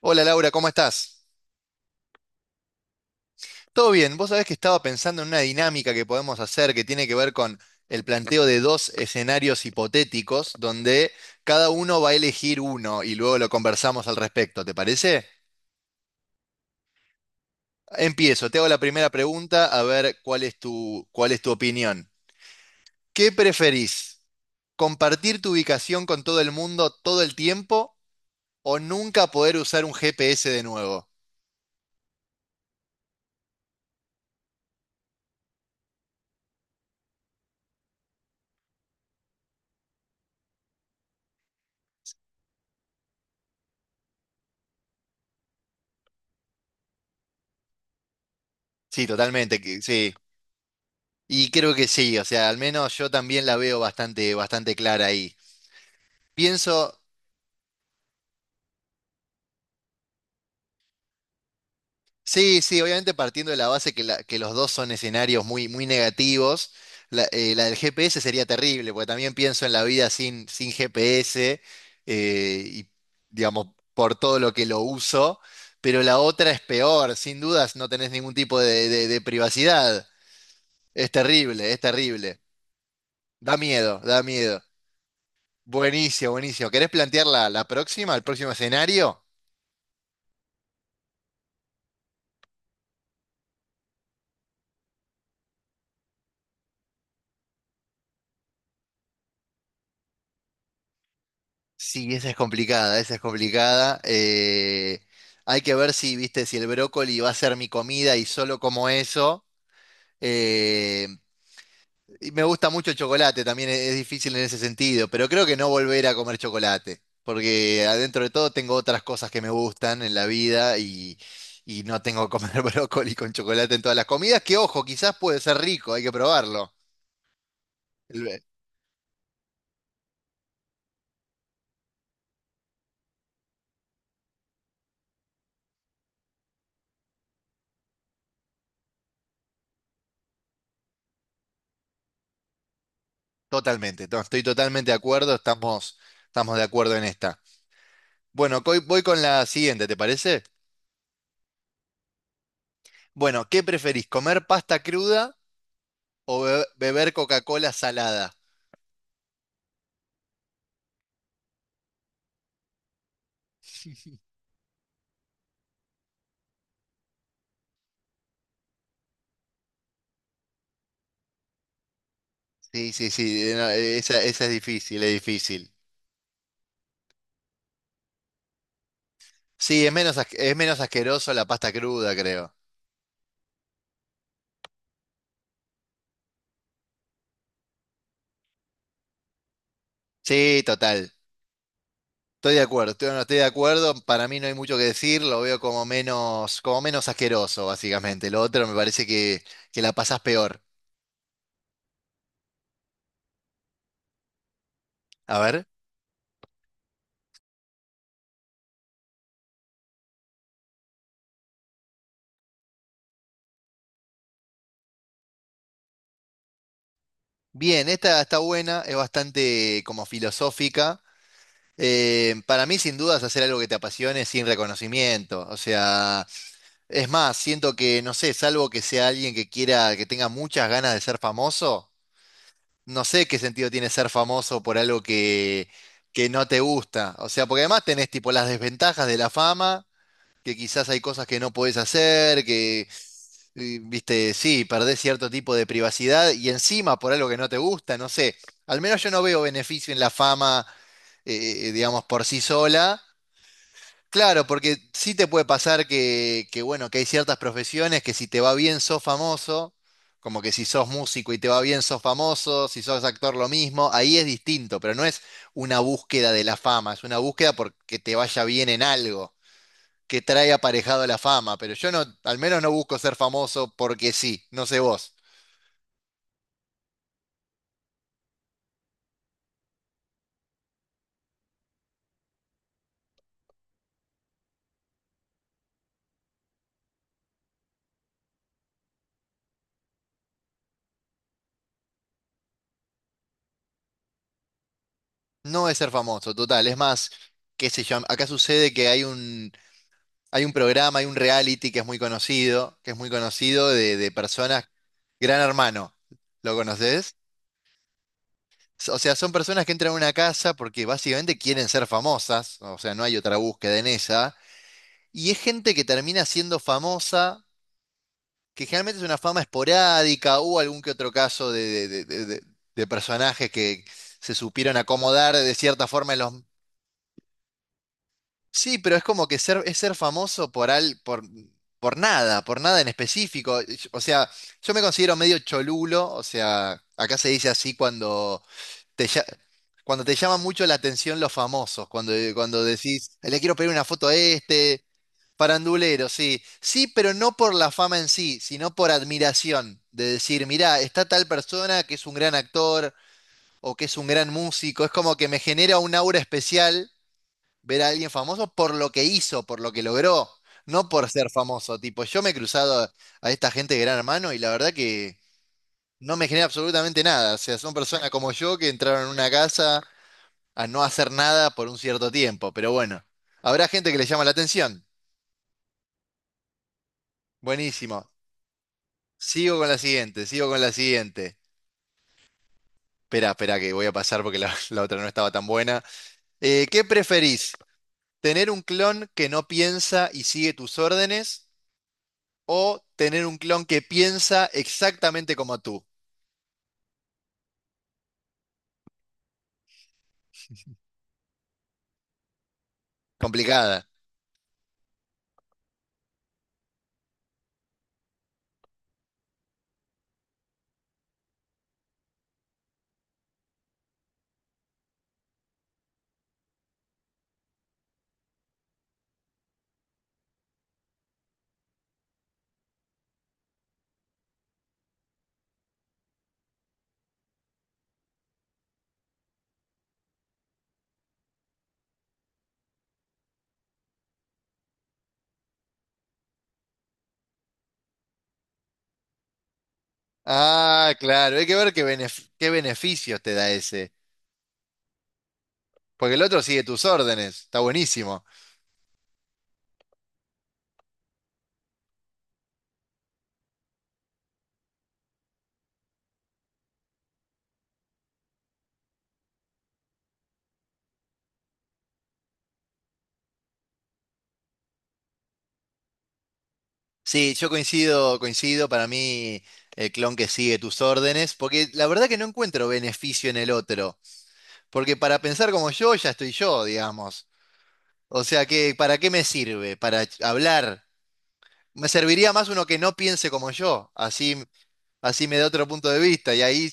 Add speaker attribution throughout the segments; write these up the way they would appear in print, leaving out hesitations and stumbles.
Speaker 1: Hola Laura, ¿cómo estás? Todo bien, vos sabés que estaba pensando en una dinámica que podemos hacer que tiene que ver con el planteo de dos escenarios hipotéticos donde cada uno va a elegir uno y luego lo conversamos al respecto, ¿te parece? Empiezo, te hago la primera pregunta a ver cuál es tu opinión. ¿Qué preferís? ¿Compartir tu ubicación con todo el mundo todo el tiempo o nunca poder usar un GPS de nuevo? Sí, totalmente, sí. Y creo que sí, o sea, al menos yo también la veo bastante clara ahí. Pienso, sí, obviamente partiendo de la base que los dos son escenarios muy negativos, la del GPS sería terrible, porque también pienso en la vida sin GPS, eh, y, digamos, por todo lo que lo uso, pero la otra es peor, sin dudas no tenés ningún tipo de privacidad. Es terrible, es terrible. Da miedo, da miedo. Buenísimo, buenísimo. ¿Querés plantear la próxima, el próximo escenario? Sí, esa es complicada, esa es complicada. Hay que ver si el brócoli va a ser mi comida y solo como eso. Eh, y me gusta mucho el chocolate, también es difícil en ese sentido, pero creo que no volver a comer chocolate, porque adentro de todo tengo otras cosas que me gustan en la vida y no tengo que comer brócoli con chocolate en todas las comidas, que ojo, quizás puede ser rico, hay que probarlo. Totalmente, estoy totalmente de estamos de acuerdo en esta. Bueno, voy con la siguiente, ¿te parece? Bueno, ¿qué preferís, comer pasta cruda o beber Coca-Cola salada? Sí, sí, sí, no, esa, esa es difícil, es difícil. Sí, es es menos asqueroso la pasta cruda, creo. Sí, total. Estoy de acuerdo, estoy, no, estoy de acuerdo. Para mí no hay mucho que decir, lo veo como como menos asqueroso, básicamente. Lo otro me parece que la pasás peor. A ver. Bien, esta está buena, es bastante como filosófica. Para mí, sin dudas, hacer algo que te apasione sin reconocimiento. O sea, es más, siento que, no sé, salvo que sea alguien que que tenga muchas ganas de ser famoso, no sé qué sentido tiene ser famoso por algo que no te gusta. O sea, porque además tenés tipo las desventajas de la fama que quizás hay cosas que no podés viste, sí, perdés cierto tipo de privacidad y encima por algo que no te gusta, no sé. Al menos yo no veo beneficio en la fama, digamos, por sí sola. Claro, porque sí te puede bueno, que hay ciertas profesiones que si te va bien sos famoso, como que si sos músico y te va bien sos famoso, si sos actor lo mismo, ahí es distinto, pero no es una búsqueda de la fama, es una búsqueda porque te vaya bien en algo que trae aparejado la fama, pero yo no, al menos no busco ser famoso porque sí, no sé vos. No es ser famoso, total. Es más, qué sé yo, acá sucede que hay hay un programa, hay un reality que es muy conocido, que es muy conocido de personas, Gran Hermano, ¿lo conoces? O sea, son personas que entran a una casa porque básicamente quieren ser famosas, o sea, no hay otra búsqueda en esa, y es gente que termina siendo famosa que generalmente es una fama esporádica, o algún que otro caso de personajes que se supieron acomodar de cierta forma en los... Sí, pero es como que ser, es ser famoso por nada en específico. O sea, yo me considero medio cholulo, o sea, acá se dice así cuando te, lla- cuando te llama mucho la atención los famosos, cuando decís, le quiero pedir una foto a este." Farandulero, sí. Sí, pero no por la fama en sí, sino por admiración. De decir, mirá, está tal persona que es un gran actor o que es un gran músico. Es como que me genera un aura especial ver a alguien famoso por lo que hizo, por lo que logró, no por ser famoso. Tipo, yo me he cruzado a esta gente de Gran Hermano y la verdad que no me genera absolutamente nada. O sea, son personas como yo que entraron en una casa a no hacer nada por un cierto tiempo. Pero bueno, habrá gente que le llama la atención. Buenísimo. Sigo con la siguiente, sigo con la siguiente. Espera, espera, que voy a pasar porque la otra no estaba tan buena. ¿Qué preferís? ¿Tener un clon que no piensa y sigue tus órdenes? ¿O tener un clon que piensa exactamente como tú? Complicada. Ah, claro, hay que ver qué qué beneficios te da ese. Porque el otro sigue tus órdenes, está buenísimo. Sí, yo coincido, coincido, para mí el clon que sigue tus órdenes, porque la verdad que no encuentro beneficio en el otro. Porque para pensar como yo, ya estoy yo, digamos. O sea que, ¿para qué me sirve? Para hablar. Me serviría más uno que no piense como yo. Así, así me da otro punto de vista. Y ahí,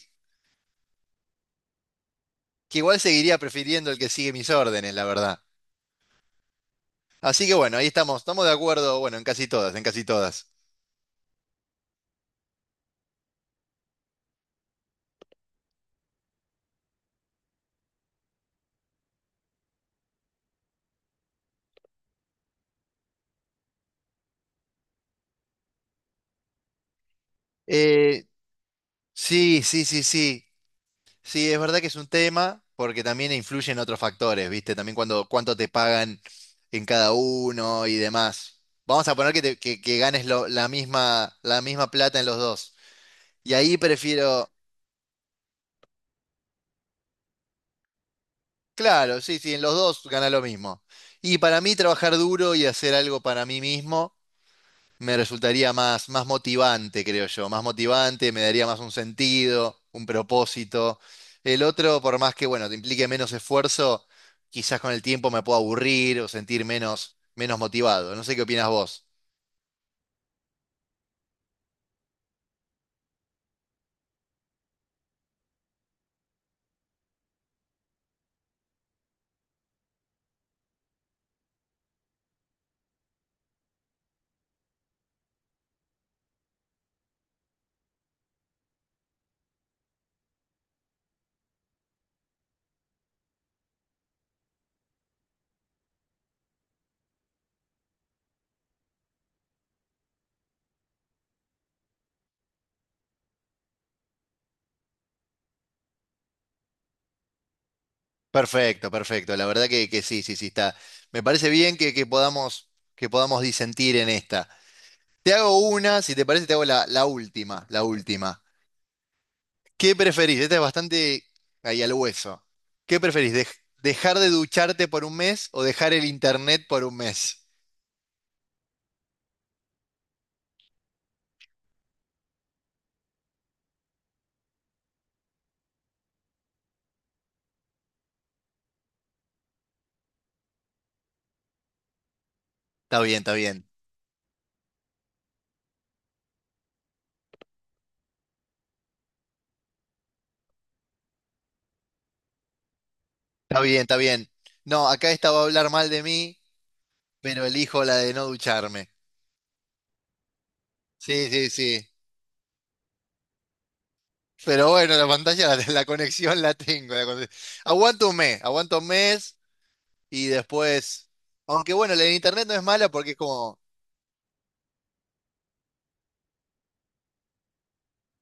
Speaker 1: que igual seguiría prefiriendo el que sigue mis órdenes, la verdad. Así que bueno, ahí estamos. Estamos de acuerdo, bueno, en casi todas, en casi todas. Eh, sí. Sí, es verdad que es un tema porque también influyen otros factores, ¿viste? También cuánto te pagan en cada uno y demás. Vamos a poner que ganes la misma plata en los dos. Y ahí claro, sí, en los dos gana lo mismo. Y para mí trabajar duro y hacer algo para mí mismo me resultaría más motivante, creo yo, más motivante, me daría más un sentido, un propósito. El otro, por más que, bueno, te implique menos esfuerzo, quizás con el tiempo me pueda aburrir o sentir menos motivado. No sé qué opinas vos. Perfecto, perfecto. La verdad sí, está. Me parece bien que podamos disentir en esta. Te hago una, si te parece, te hago la última, la última. ¿Qué preferís? Esta es bastante ahí al hueso. ¿Qué preferís? ¿Dejar de ducharte por un mes o dejar el internet por un mes? Está bien, está bien. Está bien, está bien. No, acá esta va a hablar mal de mí, pero elijo la de no ducharme. Sí, sí, sí. Pero bueno, la pantalla, la conexión la tengo. Aguanto un mes, aguanto un mes y después. Aunque bueno, la de internet no es mala porque es como.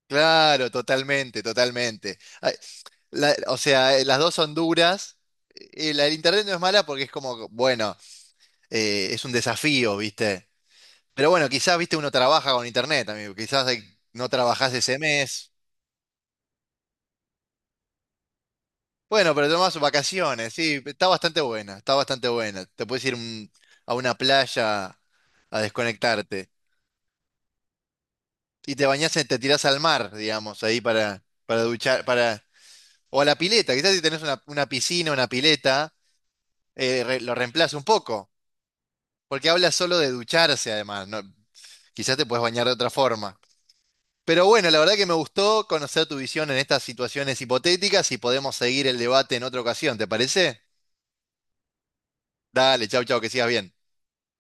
Speaker 1: Claro, totalmente, totalmente. Ay, o sea, las dos son duras. La del internet no es mala porque es como, bueno, es un desafío, ¿viste? Pero bueno, quizás, viste, uno trabaja con internet, amigo. Quizás no trabajás ese mes. Bueno, pero tomás vacaciones, sí. Está bastante buena, está bastante buena. Te puedes ir a una playa a desconectarte. Y te bañás, te tirás al mar, digamos, ahí para duchar, para... O a la pileta, quizás si tenés una piscina, una pileta. Lo reemplaza un poco, porque habla solo de ducharse además, ¿no? Quizás te puedes bañar de otra forma. Pero bueno, la verdad que me gustó conocer tu visión en estas situaciones hipotéticas y podemos seguir el debate en otra ocasión, ¿te parece? Dale, chau, chau, que sigas bien.